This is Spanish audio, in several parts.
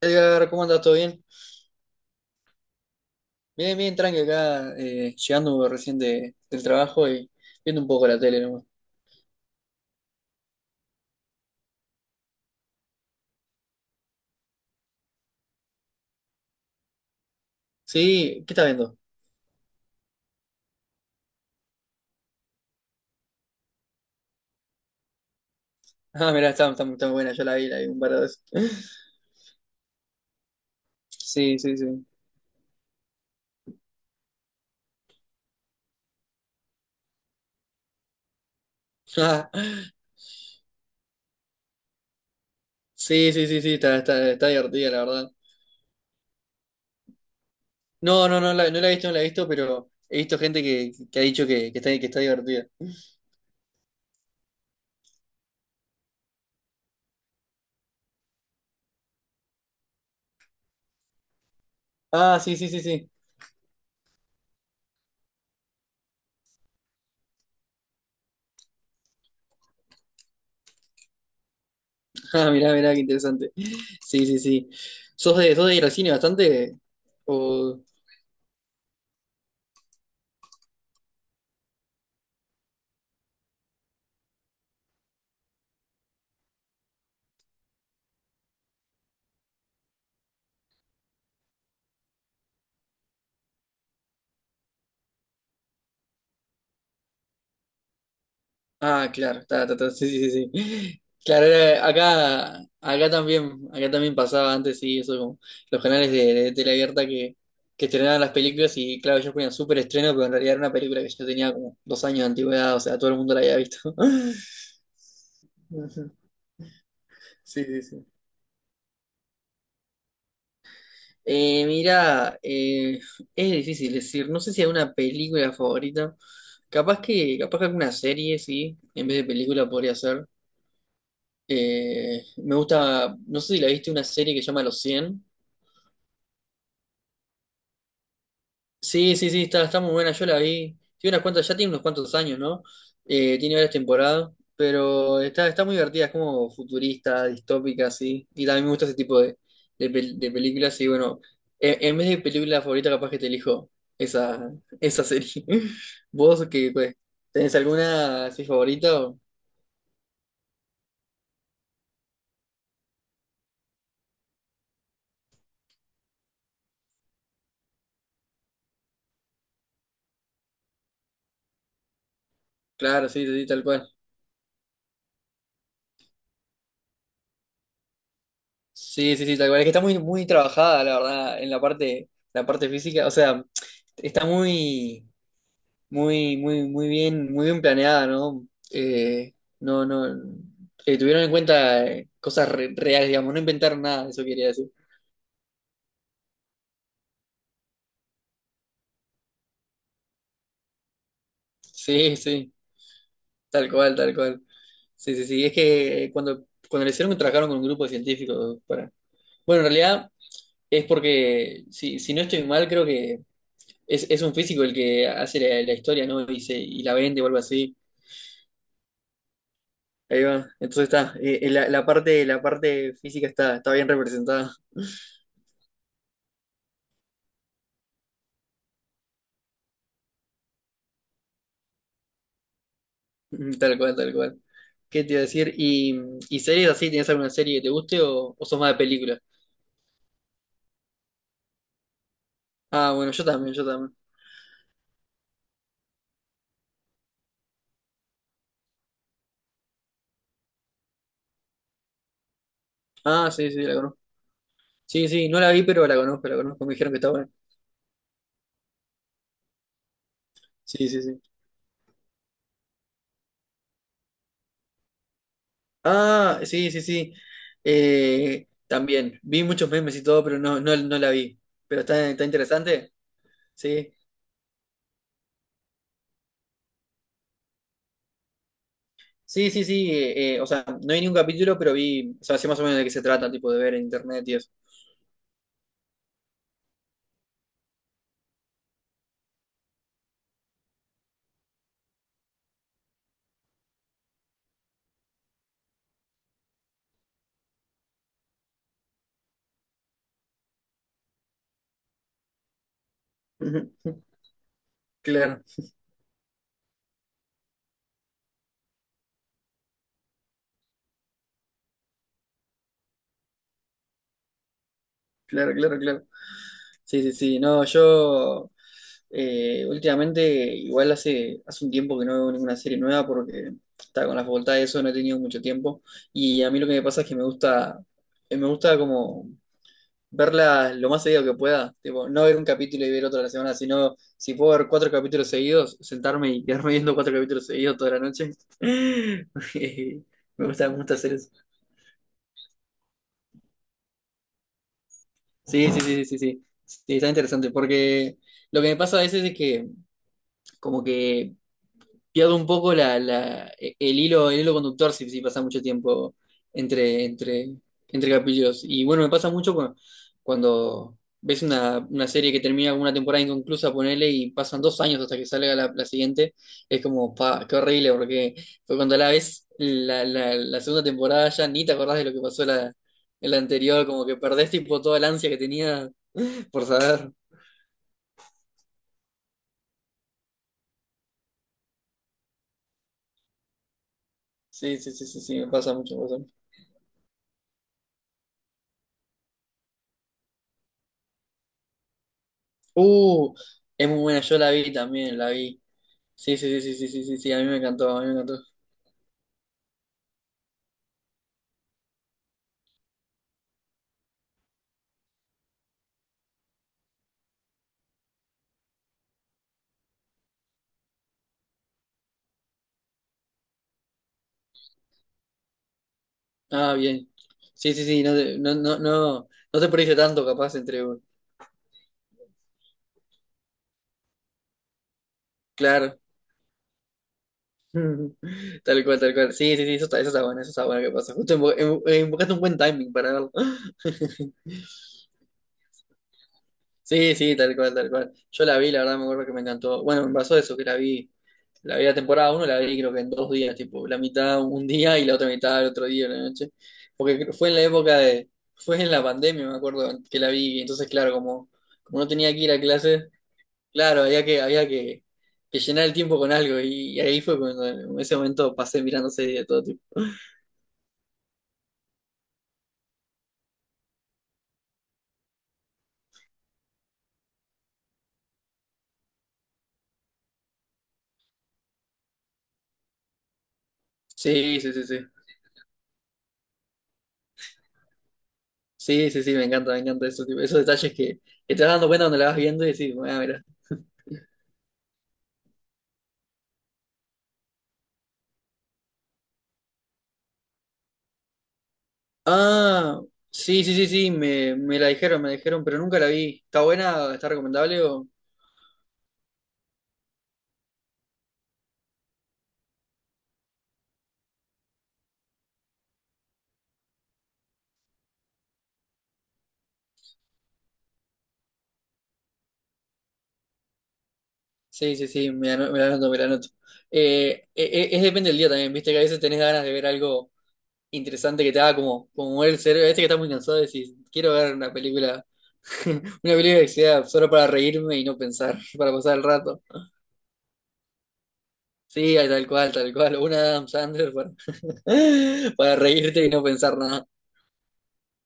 Edgar, ¿cómo andas? ¿Todo bien? Bien, bien, tranqui acá, llegando recién del trabajo y viendo un poco la tele nomás. Sí, ¿qué estás viendo? Ah, mirá, está buena, yo la vi un par de veces. Sí, sí, sí. Ah, sí, sí, sí, sí, está divertida, la verdad. No, no, no la he visto, no la he visto, pero he visto gente que ha dicho que está divertida. Ah, sí, sí, sí, sí. Ah, mirá, mirá, qué interesante. Sí, sí, sí. Sos de ir al cine bastante? ¿O...? Ah, claro, ta, ta, ta, sí, sí, sí. Sí. Claro, acá, acá también pasaba antes, sí, eso, como los canales de tele abierta que estrenaban las películas y claro, ellos ponían súper estreno, pero en realidad era una película que yo tenía como dos años de antigüedad, o sea, todo el mundo la había visto. Ujú. Sí, sí, sí. Mira, es difícil decir, no sé si hay una película favorita, capaz que alguna serie, sí, en vez de película podría ser. Me gusta, no sé si la viste, una serie que se llama Los cien. Sí, sí, sí, está, está muy buena, yo la vi. Tiene unas cuantas, ya tiene unos cuantos años, ¿no? Tiene varias temporadas, pero está, está muy divertida, es como futurista, distópica, así. Y también me gusta ese tipo de, de películas. Y bueno, en vez de película favorita, capaz que te elijo esa, esa serie. ¿Vos qué, pues, tenés alguna así favorita? O... Claro, sí, sí, sí, tal cual. Sí, sí, sí, tal cual. Es que está muy, muy trabajada, la verdad, en la parte física. O sea, está muy, muy, muy, muy bien planeada, ¿no? No, no. Tuvieron en cuenta cosas reales, digamos, no inventaron nada, eso quería decir. Sí, sí, tal cual, tal cual. Sí, sí, sí. Es que cuando, cuando lo hicieron, trabajaron con un grupo de científicos para. Bueno, en realidad es porque, si, si no estoy mal, creo que. Es un físico el que hace la, la historia, ¿no? Y, y la vende o algo así. Ahí va. Entonces está. La, la parte física está, está bien representada. Tal cual, tal cual. ¿Qué te iba a decir? Y series así? ¿Tienes alguna serie que te guste o sos más de película? Ah, bueno, yo también, yo también. Ah, sí, sí, la conozco. Sí, sí, no la vi, pero la conozco, la conozco. Me dijeron que está buena. Sí, sí, sí. Ah, sí, sí, sí. También. Vi muchos memes y todo, pero no, no, no la vi. Pero está, está interesante. Sí. Sí, sí, sí, o sea, no vi ningún capítulo, pero vi, o sea, sé más o menos de qué se trata, tipo de ver en internet y eso. Ujú. Claro, claro, claro, claro. Sí, sí, sí, no, yo últimamente, igual hace, hace un tiempo que no veo ninguna serie nueva porque está con la facultad y eso, no he tenido mucho tiempo. Y a mí lo que me pasa es que me gusta como verla lo más seguido que pueda. Tipo, no ver un capítulo y ver otro a la semana, sino si puedo ver cuatro capítulos seguidos, sentarme y quedarme viendo cuatro capítulos seguidos toda la noche. Me gusta hacer eso. Sí, sí, sí, sí, sí, sí. Sí, está interesante, porque lo que me pasa a veces es que como que pierdo un poco el hilo conductor si, si pasa mucho tiempo entre, entre, entre capítulos. Y bueno, me pasa mucho cuando ves una serie que termina con una temporada inconclusa, ponele, y pasan dos años hasta que salga la, la siguiente, es como, pa, qué horrible, porque fue cuando la ves la, la, la segunda temporada ya ni te acordás de lo que pasó en la anterior, como que perdés tipo toda la ansia que tenía por saber. Sí, sí, sí, sí, sí, me pasa mucho, me pasa mucho. Uh, es muy buena, yo la vi también, la vi. Sí, sí, sí, sí, sí, sí, sí, sí, a mí me encantó, a mí me encantó. Ah, bien. Sí, sí, sí, no te, no, no, no, no te perdiste tanto capaz entre un. Claro. Tal cual, tal cual. Sí, sí, sí, eso está bueno que pasa. Justo invocaste un buen timing para verlo. Sí, sí, tal cual, tal cual. Yo la vi, la verdad me acuerdo que me encantó. Bueno, me pasó eso, que la vi, la vi la temporada uno, la vi creo que en dos días, tipo, la mitad un día y la otra mitad el otro día la noche. Porque fue en la época de, fue en la pandemia, me acuerdo que la vi, y entonces claro, como, como no tenía que ir a clase, claro, había que llenar el tiempo con algo, y ahí fue cuando en ese momento pasé mirando series de todo tipo. Sí, sí, sí, sí. Sí, sí, sí, me encanta eso, tipo, esos detalles que te vas dando cuenta cuando la vas viendo y decís, ah, mira. Ah, sí, sí, sí, sí, me, me la dijeron, pero nunca la vi. ¿Está buena? ¿Está recomendable? O... Sí, sí, sí, me la anoto, me la anoto. Eh, e- es, depende del día también, viste que a veces tenés ganas de ver algo interesante que te haga como, como mover el cerebro. A veces que estás muy cansado y decís, quiero ver una película, una película que sea solo para reírme y no pensar, para pasar el rato. Sí, tal cual, una de Adam Sandler para, para reírte y no pensar nada.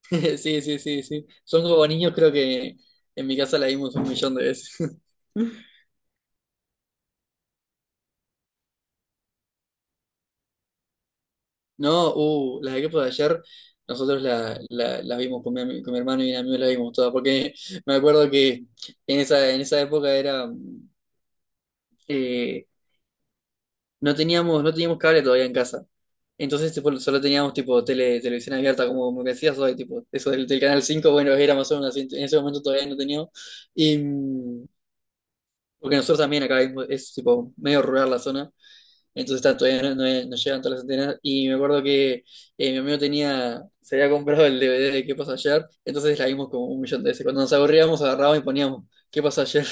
Sí, sí, sí, sí. Son como niños, creo que en mi casa la vimos un millón de veces. No, las de Crepos de ayer, nosotros la, la, la vimos con mi, con mi hermano y mi amigo, la vimos todas, porque me acuerdo que en esa época era, eh, no teníamos, no teníamos cable todavía en casa. Entonces tipo, solo teníamos tipo tele, televisión abierta, como, como que decías hoy, tipo, eso del, del Canal 5 bueno, era más o menos así, en ese momento todavía no teníamos. Y, porque nosotros también acá vimos, es tipo medio rural la zona. Entonces ta, todavía no, no llegan todas las antenas. Y me acuerdo que mi amigo tenía, se había comprado el DVD de ¿Qué pasó ayer? Entonces la vimos como un millón de veces. Cuando nos aburríamos, agarrábamos y poníamos ¿Qué pasó ayer?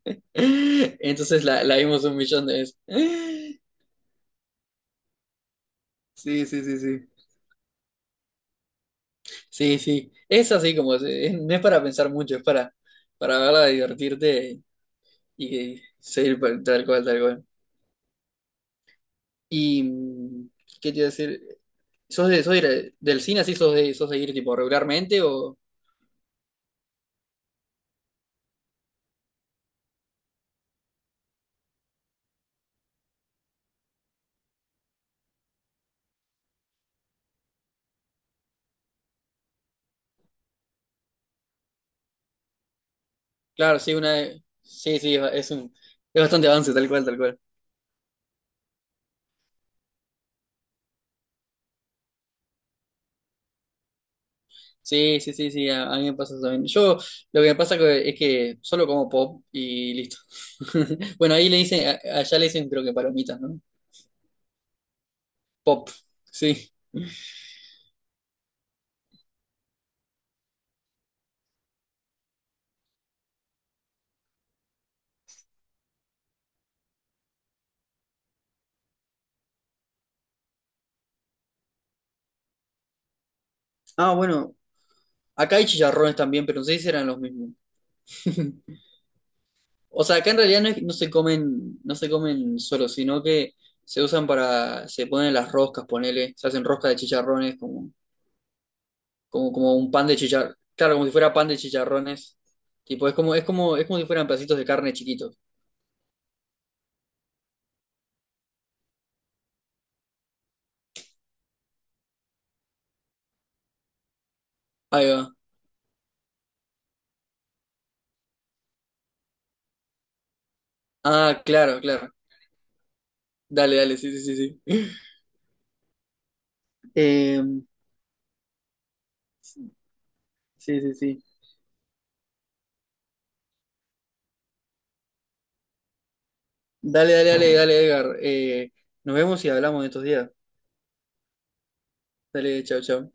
Entonces la vimos un millón de veces. Sí, sí, sí, sí. Sí, sí. Es así como, no es para pensar mucho, es para verla, divertirte y seguir tal cual, tal cual. Y, ¿qué te iba a decir? Sos de ir del cine así? Sos de ir tipo regularmente? O, claro, sí, una, sí, sí, es un, es bastante avance, tal cual, tal cual. Sí, sí, sí, sí, a mí me pasa eso también. Yo, lo que me pasa es que solo como pop y listo. Bueno, ahí le dicen, allá le dicen creo que palomitas, ¿no? Pop, sí. Ah, bueno, acá hay chicharrones también, pero no sé si eran los mismos. O sea, acá en realidad no, no se comen, no se comen solo, sino que se usan para, se ponen las roscas, ponele, se hacen roscas de chicharrones, como, como, como un pan de chicharrones, claro, como si fuera pan de chicharrones. Tipo, es como, es como, es como si fueran pedacitos de carne chiquitos. Ahí va. Ah, claro, claro. Dale, dale, sí, sí, sí, sí. Eh, sí, sí, sí. Dale, dale, dale, dale, Edgar. Nos vemos y hablamos en estos días. Dale, chao, chao.